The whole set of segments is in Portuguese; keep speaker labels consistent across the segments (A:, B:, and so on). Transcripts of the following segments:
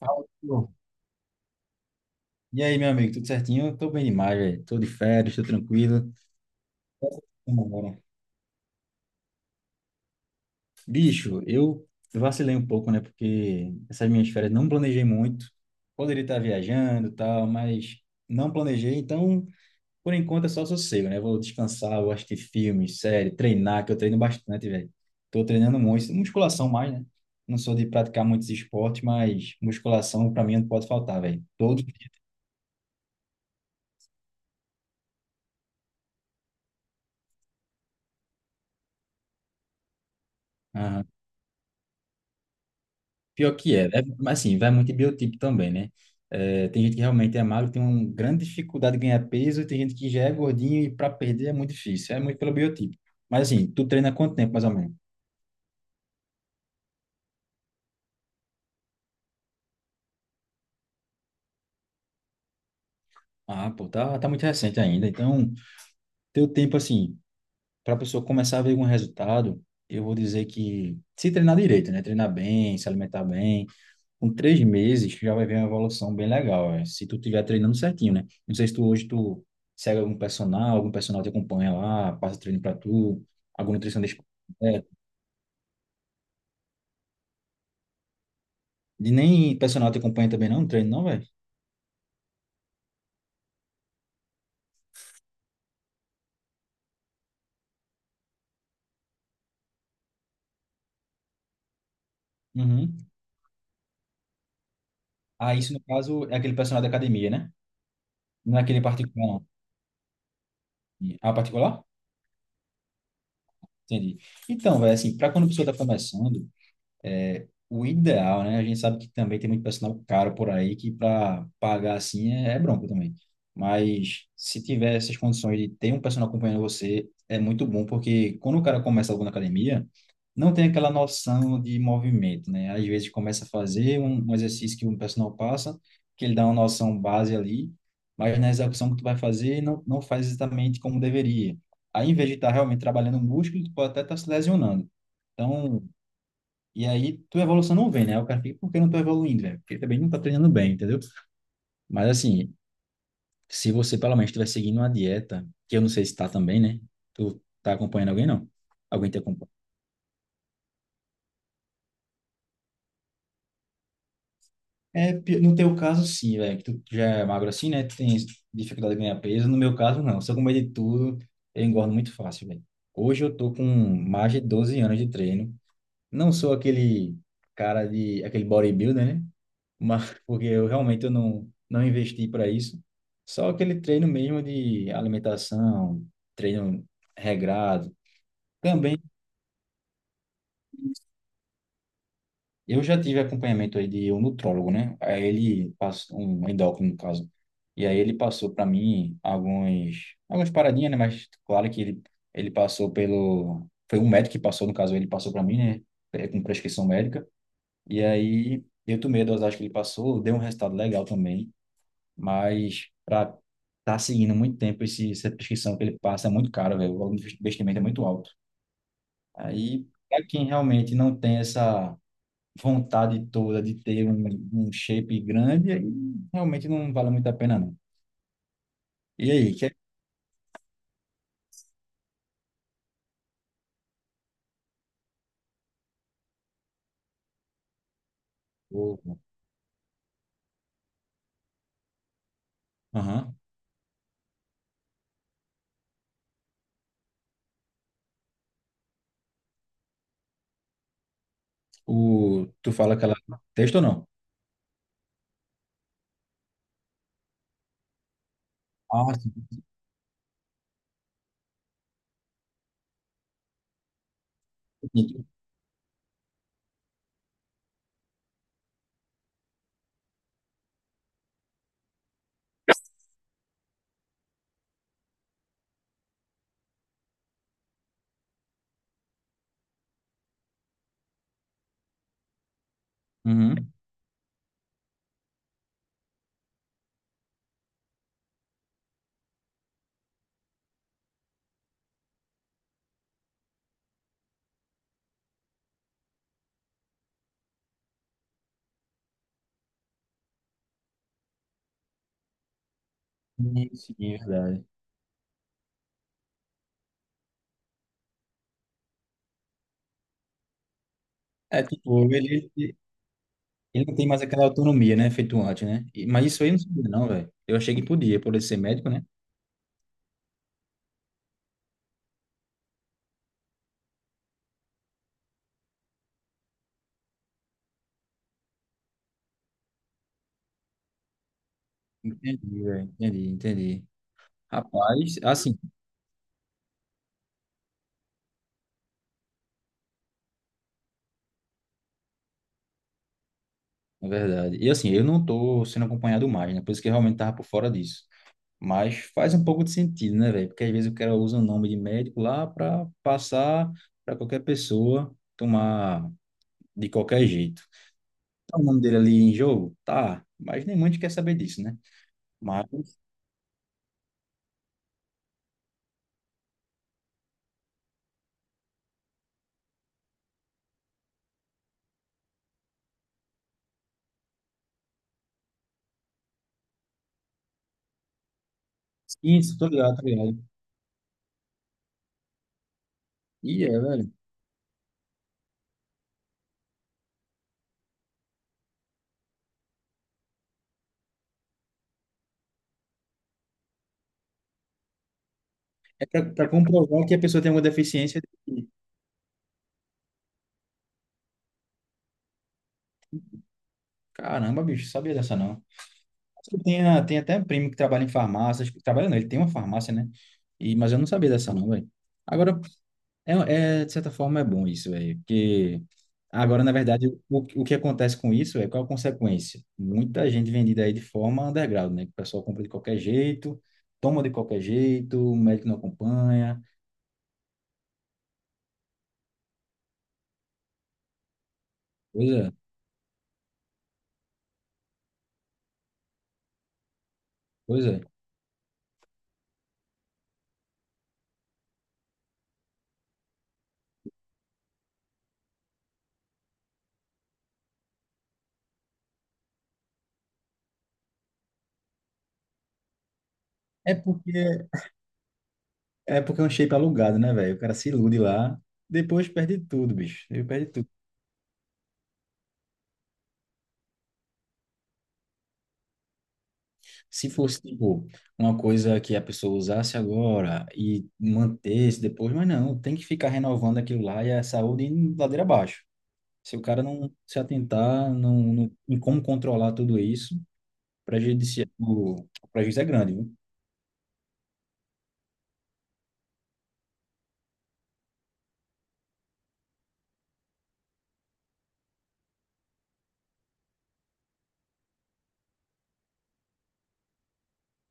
A: Fala, pô. E aí, meu amigo, tudo certinho? Eu tô bem demais, velho. Tô de férias, tô tranquilo. Vamos embora. Bicho, eu vacilei um pouco, né? Porque essas minhas férias não planejei muito. Poderia estar viajando e tal, mas não planejei. Então, por enquanto é só sossego, né? Vou descansar, vou assistir filme, série, treinar, que eu treino bastante, velho. Tô treinando muito. Musculação mais, né? Não sou de praticar muitos esportes, mas musculação pra mim não pode faltar, velho. Todo dia. Pior que é, né? Mas assim, vai muito em biotipo também, né? É, tem gente que realmente é magro, tem uma grande dificuldade de ganhar peso, e tem gente que já é gordinho e para perder é muito difícil, é muito pelo biotipo. Mas assim, tu treina há quanto tempo mais ou menos? Ah, pô, tá, tá muito recente ainda. Então, teu tempo, assim, para a pessoa começar a ver algum resultado, eu vou dizer que se treinar direito, né? Treinar bem, se alimentar bem, com 3 meses tu já vai ver uma evolução bem legal, é, se tu estiver treinando certinho, né? Não sei se tu hoje tu segue algum personal te acompanha lá, passa treino pra tu, algum nutricionista. É, e nem personal te acompanha também não, treino não, velho? Uhum. Ah, isso no caso é aquele personal da academia, né? Não é aquele particular, não. Ah, particular? Entendi. Então, velho, assim, para quando a pessoa está começando, é, o ideal, né? A gente sabe que também tem muito personal caro por aí que para pagar assim é bronco também. Mas se tiver essas condições de ter um personal acompanhando você, é muito bom, porque quando o cara começa algo na academia, não tem aquela noção de movimento, né? Às vezes começa a fazer um exercício que um personal passa, que ele dá uma noção base ali, mas na execução que tu vai fazer, não faz exatamente como deveria. Aí, em vez de estar realmente trabalhando o músculo, tu pode até estar se lesionando. Então, e aí, tua evolução não vem, né? O cara fica, por que não tô evoluindo, velho? Porque também não tá treinando bem, entendeu? Mas assim, se você pelo menos estiver seguindo uma dieta, que eu não sei se tá também, né? Tu tá acompanhando alguém, não? Alguém te acompanha? É, no teu caso, sim, velho. Que Tu já é magro assim, né? Tu tem dificuldade de ganhar peso. No meu caso, não. Se eu comer de tudo, eu engordo muito fácil, velho. Hoje eu tô com mais de 12 anos de treino. Não sou aquele cara de... Aquele bodybuilder, né? Mas porque eu realmente eu não investi para isso. Só aquele treino mesmo de alimentação, treino regrado. Também eu já tive acompanhamento aí de um nutrólogo, né? Aí ele passou um endócrino no caso. E aí ele passou para mim alguns algumas paradinhas, né? Mas claro que ele passou pelo foi um médico que passou no caso, ele passou para mim, né? É, com prescrição médica. E aí eu tomei a dosagem que ele passou, deu um resultado legal também. Mas para estar tá seguindo muito tempo esse, essa prescrição que ele passa é muito caro, velho. O valor do investimento é muito alto. Aí, para quem realmente não tem essa vontade toda de ter um shape grande, aí realmente não vale muito a pena, não. E aí, que é... O, aham. O, tu fala aquela texto ou não? Ah, sim. Uhum. Sim, é verdade. É, tipo, ele ele não tem mais aquela autonomia, né? Feito antes, né? E- mas isso aí eu não sabia, não, velho. Eu achei que podia, por ele ser médico, né? Entendi, velho. Entendi, entendi. Rapaz, assim, é verdade. E assim, eu não tô sendo acompanhado mais, né? Por isso que eu realmente tava por fora disso. Mas faz um pouco de sentido, né, velho? Porque às vezes o cara usa o nome de médico lá para passar para qualquer pessoa tomar de qualquer jeito. Tá o nome dele ali em jogo? Tá. Mas nem muito quer saber disso, né? Mas, isso, tô ligado, tô ligado. E é, velho. É pra, pra comprovar que a pessoa tem alguma deficiência. Caramba, bicho, sabia dessa não. Tem, a- tem até um primo que trabalha em farmácia, acho que trabalha não, ele tem uma farmácia, né? E, mas eu não sabia dessa não, velho. Agora, é, é, de certa forma é bom isso, velho, porque agora, na verdade, o que acontece com isso é qual a consequência? Muita gente vendida aí de forma underground, né? Que o pessoal compra de qualquer jeito, toma de qualquer jeito, o médico não acompanha, pois é, pois é. É porque, é porque é um shape alugado, né, velho? O cara se ilude lá, depois perde tudo, bicho, ele perde tudo. Se fosse, tipo, uma coisa que a pessoa usasse agora e mantesse depois, mas não, tem que ficar renovando aquilo lá e a saúde indo ladeira abaixo. Se o cara não se atentar não, não, em como controlar tudo isso, o prejuízo é grande, viu?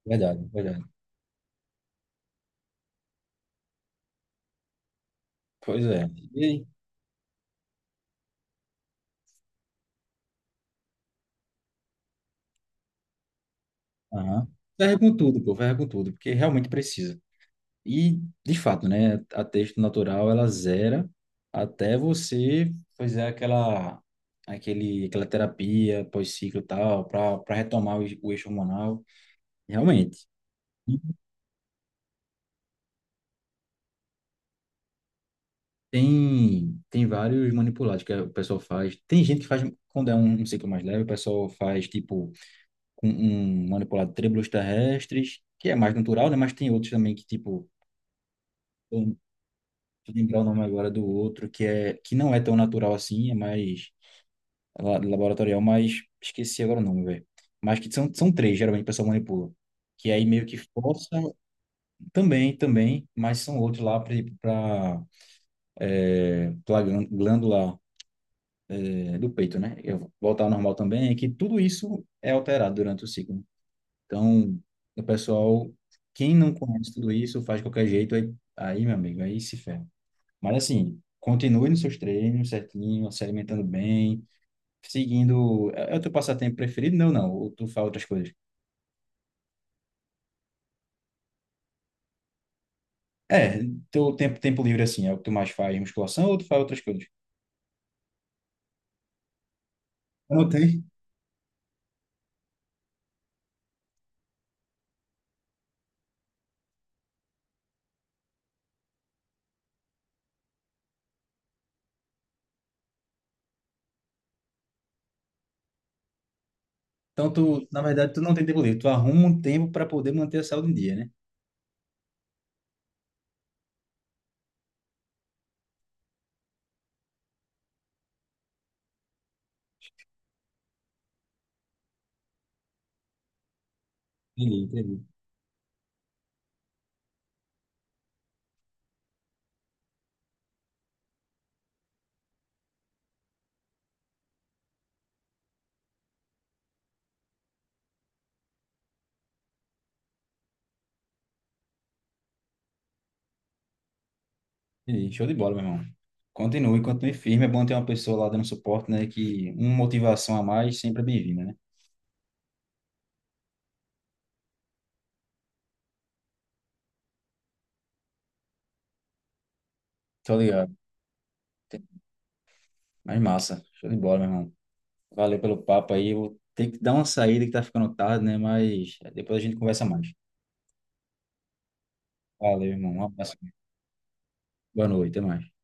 A: Verdade, verdade. Pois é. E aí? Aham. Ferra com tudo, pô, ferra com tudo, porque realmente precisa. E, de fato, né, a texto natural ela zera até você fazer aquela terapia pós-ciclo e tal, para retomar o eixo hormonal. Realmente. E tem vários manipulados que o pessoal faz. Tem gente que faz, quando é um ciclo mais leve, o pessoal faz, tipo, com um manipulado de trêbulos terrestres, que é mais natural, né? Mas tem outros também que, tipo, eu não vou lembrar o nome agora do outro, que não é tão natural assim, é mais laboratorial, mas esqueci agora o nome, velho. Mas que são três, geralmente o pessoal manipula. Que aí meio que força também, também, mas são outros lá para a glândula é, do peito, né? Eu voltar ao normal também, é que tudo isso é alterado durante o ciclo. Então, o pessoal, quem não conhece tudo isso, faz de qualquer jeito, aí, aí meu amigo, aí se ferra. Mas assim, continue nos seus treinos certinho, se alimentando bem, seguindo. É é o teu passatempo preferido? Não, não. Ou tu faz outras coisas? É, teu tempo, tempo livre assim, é o que tu mais faz, musculação ou tu faz outras coisas? Não tem? Então, tu, na verdade, tu não tem tempo livre, tu arruma um tempo para poder manter a saúde em dia, né? Entendi, entendi. Entendi. Show de bola, meu irmão. Continue, continue firme. É bom ter uma pessoa lá dando suporte, né? Que uma motivação a mais sempre é bem-vinda, né? Tô ligado. Mas massa. Show de bola, meu irmão. Valeu pelo papo aí. Eu vou ter que dar uma saída que tá ficando tarde, né? Mas depois a gente conversa mais. Valeu, irmão. Um abraço. Boa noite, até mais.